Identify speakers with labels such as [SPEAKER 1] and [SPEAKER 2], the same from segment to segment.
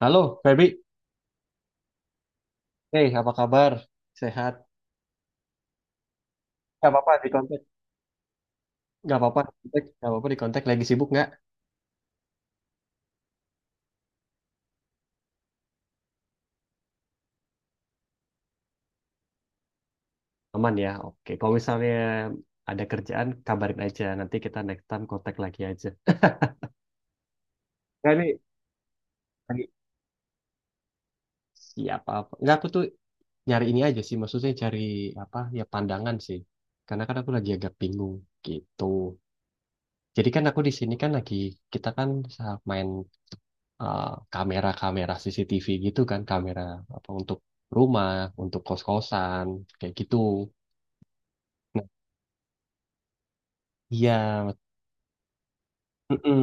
[SPEAKER 1] Halo, Feby. Hey, apa kabar? Sehat? Gak apa-apa di kontak. Gak apa-apa di kontak. Gak apa-apa di kontak. Lagi sibuk nggak? Aman ya. Oke. Kalau misalnya ada kerjaan, kabarin aja. Nanti kita next time kontak lagi aja. Nah, ini lagi siapa apa? Nggak, aku tuh nyari ini aja sih. Maksudnya cari apa? Ya pandangan sih. Karena kan aku lagi agak bingung gitu. Jadi kan aku di sini kan lagi kita kan main eh, kamera-kamera CCTV gitu kan, kamera apa untuk rumah, untuk kos-kosan, kayak gitu. Nah, iya, mm-mm.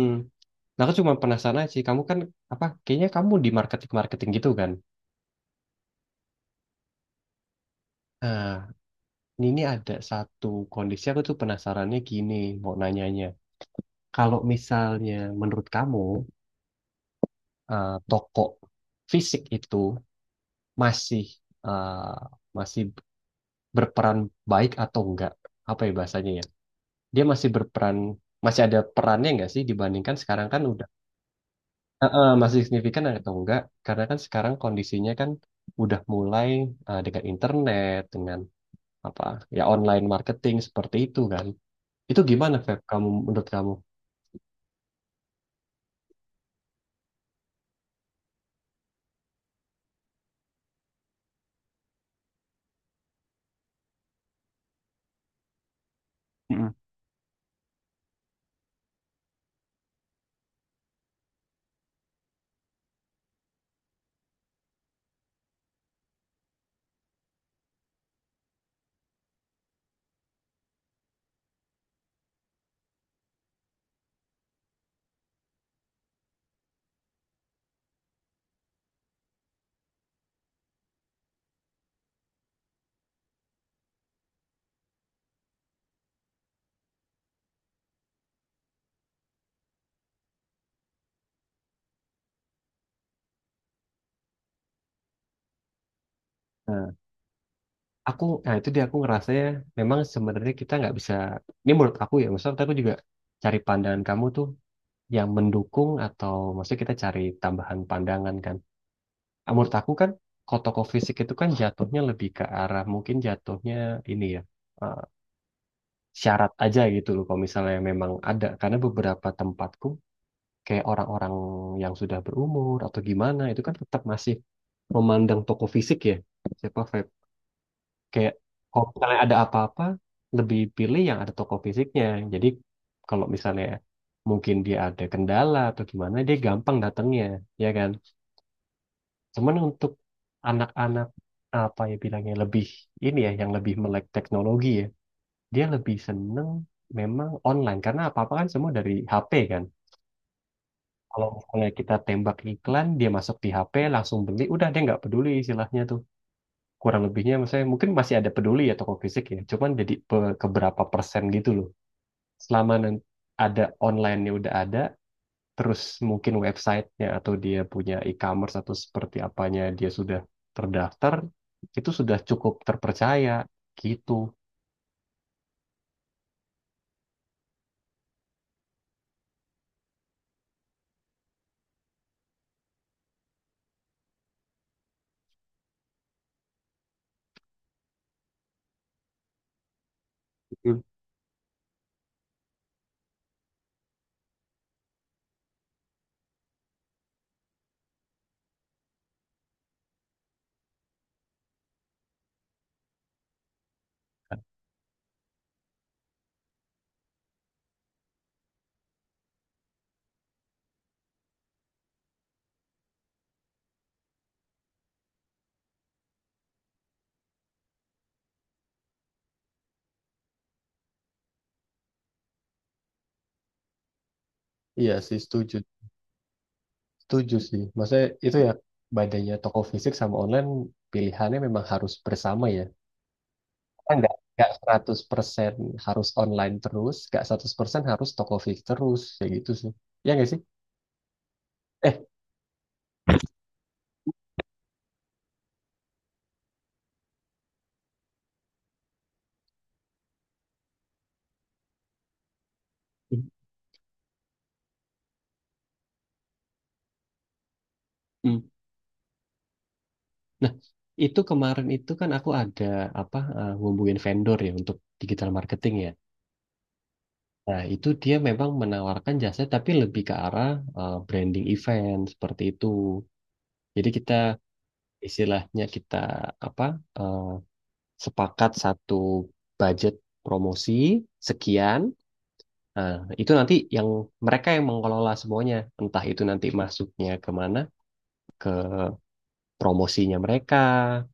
[SPEAKER 1] Nah, aku cuma penasaran aja sih, kamu kan apa? Kayaknya kamu di marketing-marketing gitu kan? Nah, ini ada satu kondisi aku tuh penasarannya gini, mau nanyanya. Kalau misalnya menurut kamu toko fisik itu masih eh, masih berperan baik atau enggak? Apa ya bahasanya ya? Dia masih berperan masih ada perannya nggak sih dibandingkan sekarang kan udah. Masih signifikan atau enggak karena kan sekarang kondisinya kan udah mulai dengan internet dengan apa ya online marketing seperti itu kan itu gimana, Feb, kamu menurut kamu. Mm-mm. Nah, aku, nah itu dia aku ngerasanya memang sebenarnya kita nggak bisa, ini menurut aku ya, maksudnya aku juga cari pandangan kamu tuh yang mendukung atau maksudnya kita cari tambahan pandangan kan. Ah, menurut aku kan kalau toko fisik itu kan jatuhnya lebih ke arah mungkin jatuhnya ini ya eh, syarat aja gitu loh kalau misalnya memang ada karena beberapa tempatku kayak orang-orang yang sudah berumur atau gimana itu kan tetap masih memandang toko fisik ya siapa vape kayak kalau misalnya ada apa-apa lebih pilih yang ada toko fisiknya jadi kalau misalnya mungkin dia ada kendala atau gimana dia gampang datangnya ya kan. Cuman untuk anak-anak apa ya bilangnya lebih ini ya yang lebih melek teknologi ya, dia lebih seneng memang online karena apa-apa kan semua dari HP kan. Kalau misalnya kita tembak iklan, dia masuk di HP langsung beli, udah dia nggak peduli istilahnya tuh. Kurang lebihnya misalnya mungkin masih ada peduli ya toko fisik ya, cuman jadi keberapa persen gitu loh. Selama nan- ada online-nya udah ada, terus mungkin websitenya atau dia punya e-commerce atau seperti apanya dia sudah terdaftar, itu sudah cukup terpercaya gitu. Hmm. Iya sih, setuju. Setuju sih. Maksudnya itu ya badannya toko fisik sama online pilihannya memang harus bersama ya. Kita nggak 100% harus online terus, nggak 100% harus toko fisik terus. Ya gitu sih. Ya nggak sih? Eh, Hmm. Nah, itu kemarin itu kan aku ada apa ngubungin vendor ya untuk digital marketing ya. Nah, itu dia memang menawarkan jasa tapi lebih ke arah branding event seperti itu. Jadi kita istilahnya kita apa eh, sepakat satu budget promosi sekian. Nah, itu nanti yang mereka yang mengelola semuanya, entah itu nanti masuknya kemana, ke promosinya mereka,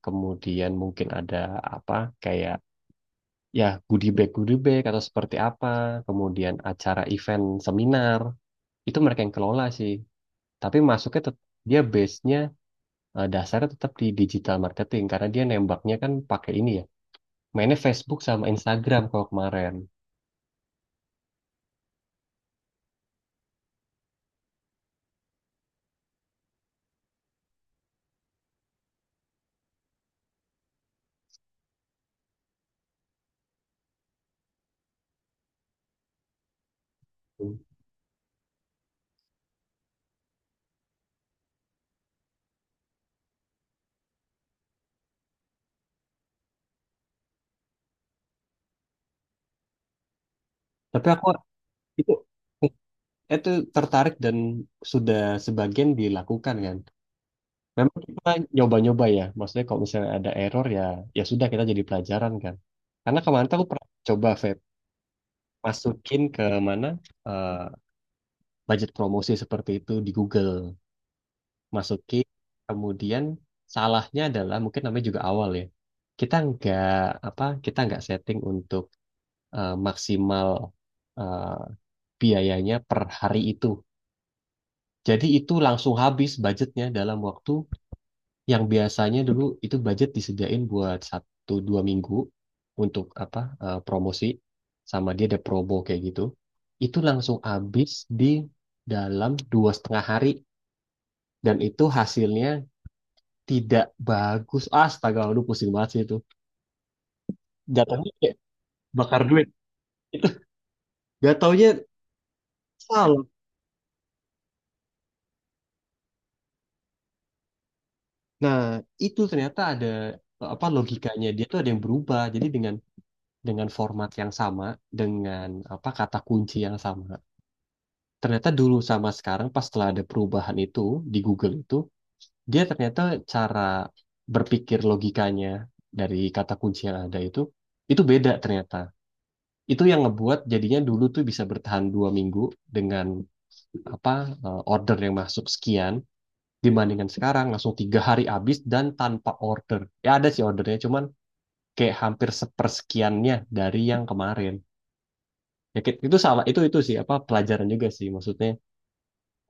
[SPEAKER 1] kemudian mungkin ada apa kayak ya goodie bag atau seperti apa kemudian acara event seminar itu mereka yang kelola sih tapi masuknya dia base-nya dasarnya tetap di digital marketing karena dia nembaknya kan pakai ini ya mainnya Facebook sama Instagram kalau kemarin. Hmm. Tapi aku itu eh, itu tertarik dan sudah sebagian dilakukan kan memang kita nyoba-nyoba ya maksudnya kalau misalnya ada error ya ya sudah kita jadi pelajaran kan karena kemarin tuh aku pernah coba, Feb, masukin ke mana eh, budget promosi seperti itu di Google masukin kemudian salahnya adalah mungkin namanya juga awal ya kita nggak apa kita nggak setting untuk maksimal eh, biayanya per hari itu jadi itu langsung habis budgetnya dalam waktu yang biasanya dulu itu budget disediain buat satu dua minggu untuk apa promosi sama dia ada promo kayak gitu itu langsung habis di dalam dua setengah hari dan itu hasilnya tidak bagus astaga aduh pusing banget sih itu jatuhnya kayak bakar duit gak taunya salah. Nah, itu ternyata ada apa logikanya dia tuh ada yang berubah jadi dengan format yang sama dengan apa kata kunci yang sama ternyata dulu sama sekarang pas setelah ada perubahan itu di Google itu dia ternyata cara berpikir logikanya dari kata kunci yang ada itu beda ternyata itu yang ngebuat jadinya dulu tuh bisa bertahan dua minggu dengan apa order yang masuk sekian dibandingkan sekarang langsung tiga hari habis dan tanpa order ya ada sih ordernya cuman kayak hampir sepersekiannya dari yang kemarin ya, itu salah itu sih apa pelajaran juga sih maksudnya.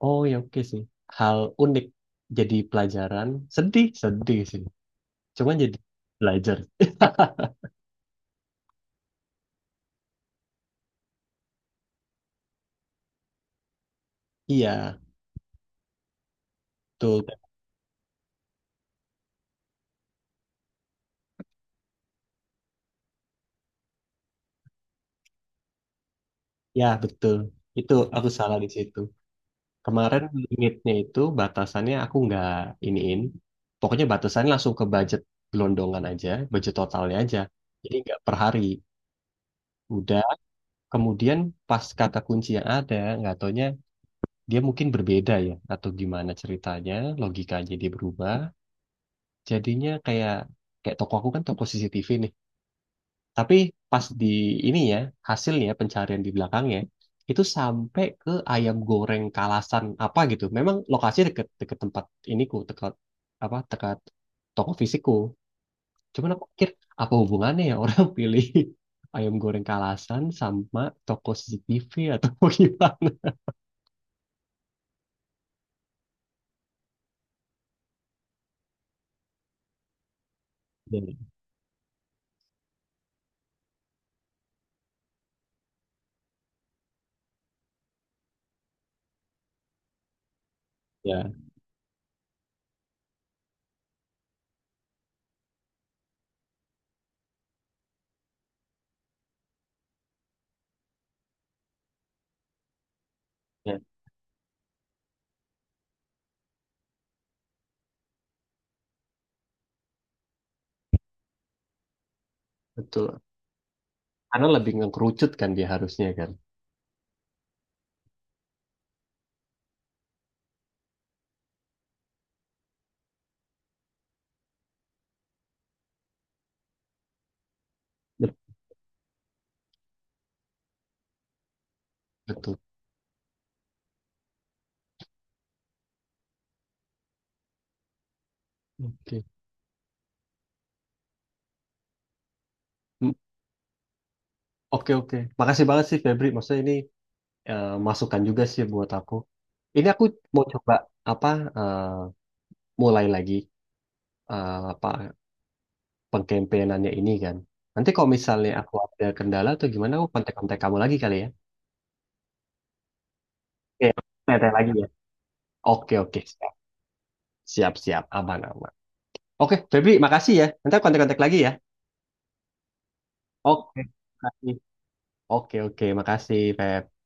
[SPEAKER 1] Oh ya oke sih. Hal unik jadi pelajaran. Sedih, sedih sih. Cuman jadi belajar. Iya, betul. Ya, betul. Itu aku salah di situ. Kemarin limitnya itu batasannya aku nggak iniin. Pokoknya batasannya langsung ke budget gelondongan aja, budget totalnya aja. Jadi nggak per hari. Udah, kemudian pas kata kunci yang ada, nggak taunya dia mungkin berbeda ya, atau gimana ceritanya, logikanya dia berubah. Jadinya kayak kayak toko aku kan toko CCTV nih. Tapi pas di ini ya, hasilnya pencarian di belakangnya itu sampai ke ayam goreng Kalasan apa gitu. Memang lokasinya deket deket tempat iniku, dekat apa dekat toko fisikku. Cuman aku pikir apa hubungannya ya orang pilih ayam goreng Kalasan sama toko CCTV atau gimana? Ya, ya, ya, betul. Karena lebih ngekerucut kan dia harusnya kan. Bet- Betul. Oke. Oke oke, makasih banget sih, Febri. Maksudnya ini masukan juga sih buat aku. Ini aku mau coba apa eh, mulai lagi apa pengkampenyannya ini kan. Nanti kalau misalnya aku ada kendala atau gimana, aku kontak-kontak kamu lagi kali ya. Oke, kontak lagi ya. Oke oke, siap siap siap, aman aman. Oke, Febri, makasih ya. Nanti aku kontak-kontak lagi ya. Oke, makasih. Oke oke, makasih, Feb.